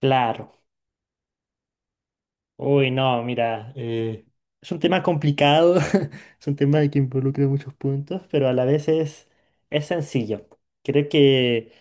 Claro. Uy, no, mira, es un tema complicado, es un tema que involucra muchos puntos, pero a la vez es sencillo. Creo que,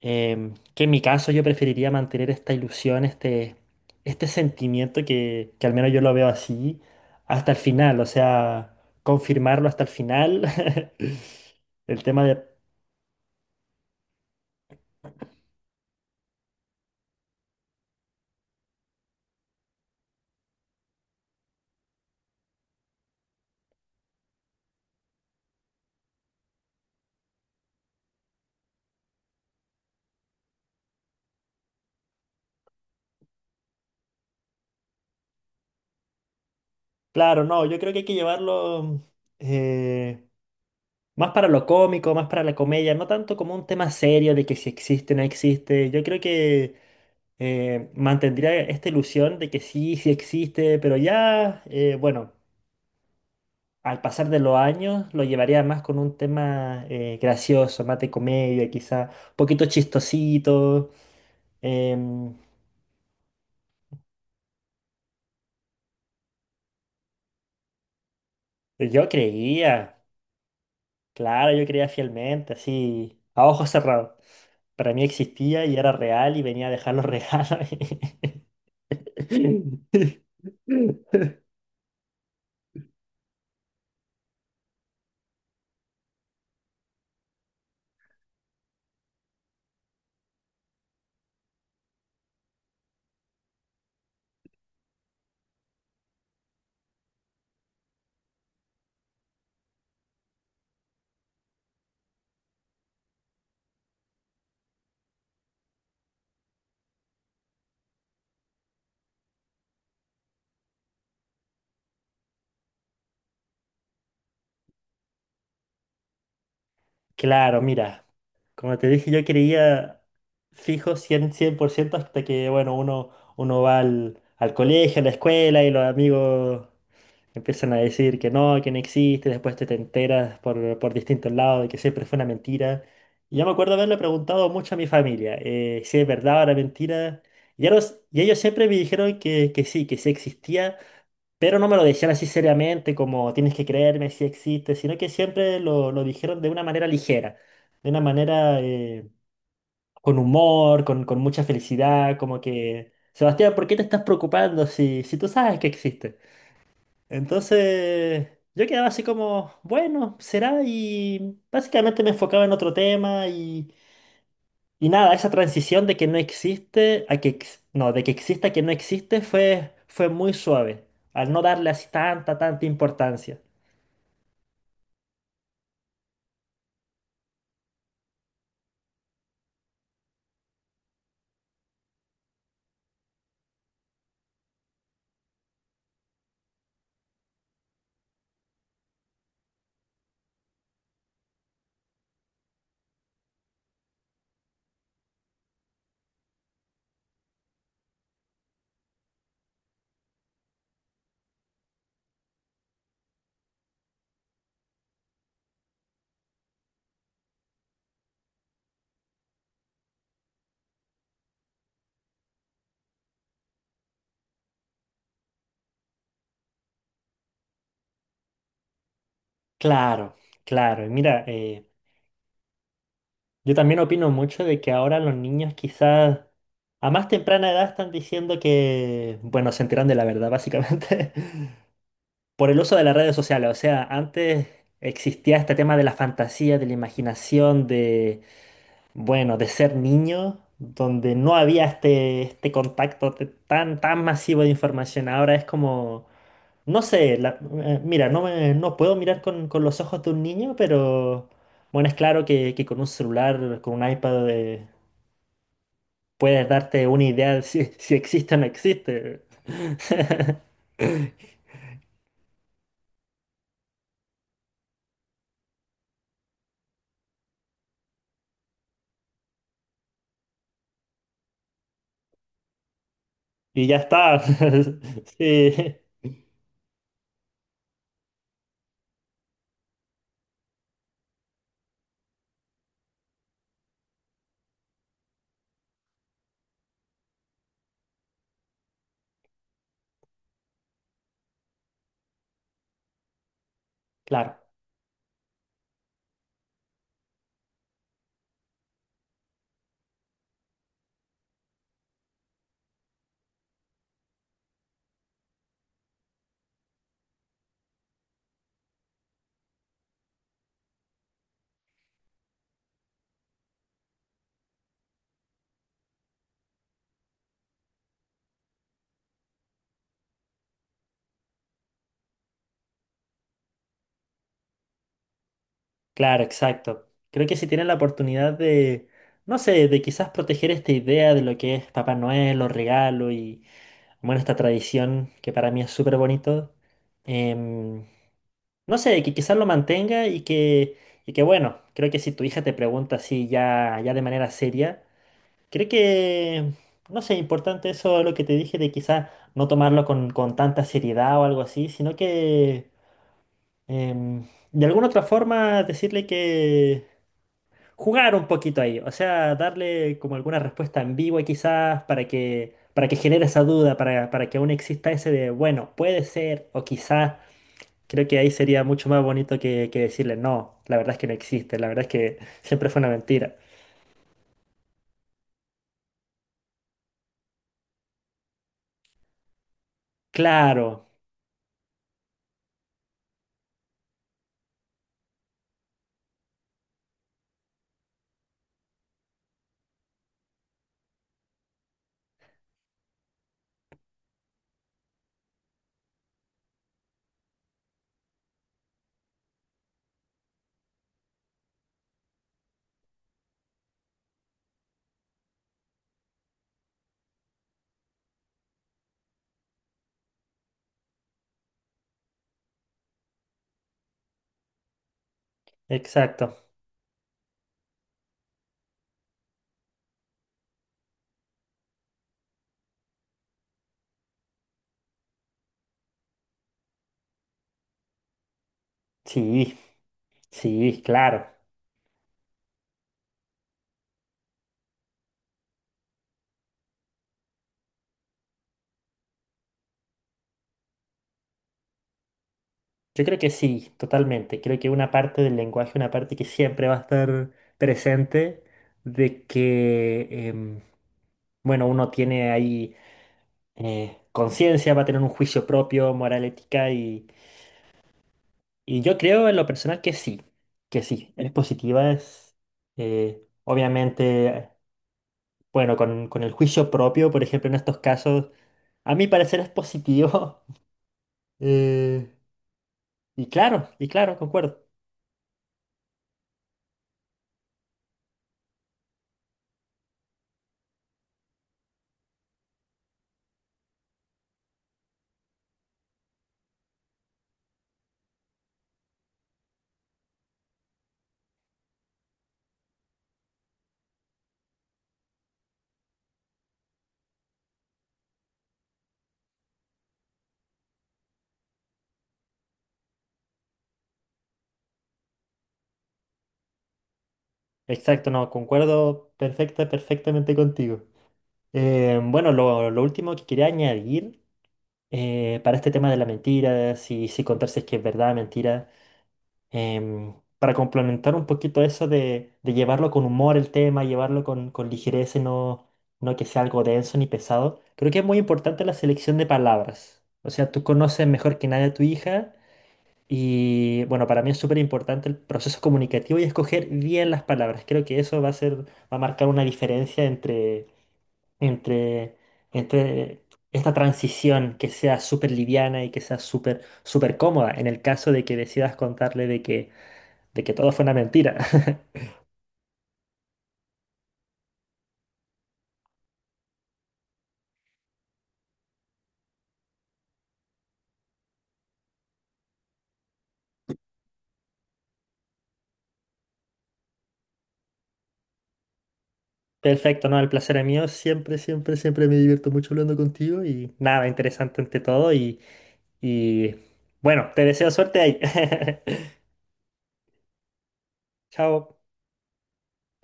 que en mi caso yo preferiría mantener esta ilusión, este sentimiento que al menos yo lo veo así, hasta el final, o sea, confirmarlo hasta el final. El tema de, claro, no, yo creo que hay que llevarlo... eh, Más para lo cómico, más para la comedia, no tanto como un tema serio de que si existe o no existe. Yo creo que mantendría esta ilusión de que sí, sí existe, pero ya, bueno, al pasar de los años lo llevaría más con un tema gracioso, más de comedia, quizá un poquito chistosito. Em, yo creía, claro, yo creía fielmente, así, a ojos cerrados. Para mí existía y era real y venía a dejar los regalos. Claro, mira, como te dije, yo creía fijo cien por ciento hasta que, bueno, uno va al colegio, a la escuela y los amigos empiezan a decir que no existe, después te enteras por distintos lados de que siempre fue una mentira. Y yo me acuerdo haberle preguntado mucho a mi familia, si es verdad o era mentira. Y ellos siempre me dijeron que sí existía, pero no me lo decían así seriamente, como tienes que creerme si existe, sino que siempre lo dijeron de una manera ligera, de una manera con humor, con mucha felicidad, como que, Sebastián, ¿por qué te estás preocupando si tú sabes que existe? Entonces, yo quedaba así como, bueno, será, y básicamente me enfocaba en otro tema y nada, esa transición de que no existe a que, ex- no, de que existe a que no existe fue muy suave, al no darle así tanta importancia. Claro, claro. Y mira, yo también opino mucho de que ahora los niños quizás a más temprana edad están diciendo que, bueno, se enteran de la verdad básicamente por el uso de las redes sociales. O sea, antes existía este tema de la fantasía, de la imaginación, bueno, de ser niño, donde no había este contacto tan masivo de información, ahora es como, no sé, mira, no puedo mirar con los ojos de un niño, pero bueno, es claro que con un celular, con un iPad, puedes darte una idea de si existe o no existe. Y ya está. Sí, claro. Claro, exacto. Creo que si tienen la oportunidad de, no sé, de quizás proteger esta idea de lo que es Papá Noel, los regalos y, bueno, esta tradición que para mí es súper bonito, em, no sé, que quizás lo mantenga y que, bueno, creo que si tu hija te pregunta así ya, ya de manera seria, creo que, no sé, importante eso lo que te dije de quizás no tomarlo con tanta seriedad o algo así, sino que, em, de alguna otra forma decirle que jugar un poquito ahí, o sea, darle como alguna respuesta ambigua quizás para para que genere esa duda, para que aún exista ese de, bueno, puede ser o quizás, creo que ahí sería mucho más bonito que decirle, no, la verdad es que no existe, la verdad es que siempre fue una mentira. Claro, exacto, sí, sí, claro. Yo creo que sí, totalmente. Creo que una parte del lenguaje, una parte que siempre va a estar presente, de que, bueno, uno tiene ahí conciencia, va a tener un juicio propio, moral, ética, y yo creo en lo personal que sí, es positiva, es obviamente, bueno, con el juicio propio, por ejemplo, en estos casos, a mi parecer es positivo, eh, y claro, concuerdo. Exacto, no, perfectamente contigo. Bueno, lo último que quería añadir, para este tema de la mentira, si contar si es que es verdad, mentira, para complementar un poquito eso de llevarlo con humor el tema, llevarlo con ligereza y no, no que sea algo denso ni pesado, creo que es muy importante la selección de palabras. O sea, tú conoces mejor que nadie a tu hija y bueno, para mí es súper importante el proceso comunicativo y escoger bien las palabras. Creo que eso va va a marcar una diferencia entre, entre esta transición que sea súper liviana y que sea súper, súper cómoda en el caso de que decidas contarle de que todo fue una mentira. Perfecto, no, el placer es mío. Siempre, siempre, siempre me divierto mucho hablando contigo y nada, interesante ante todo y bueno, te deseo suerte ahí. Chao.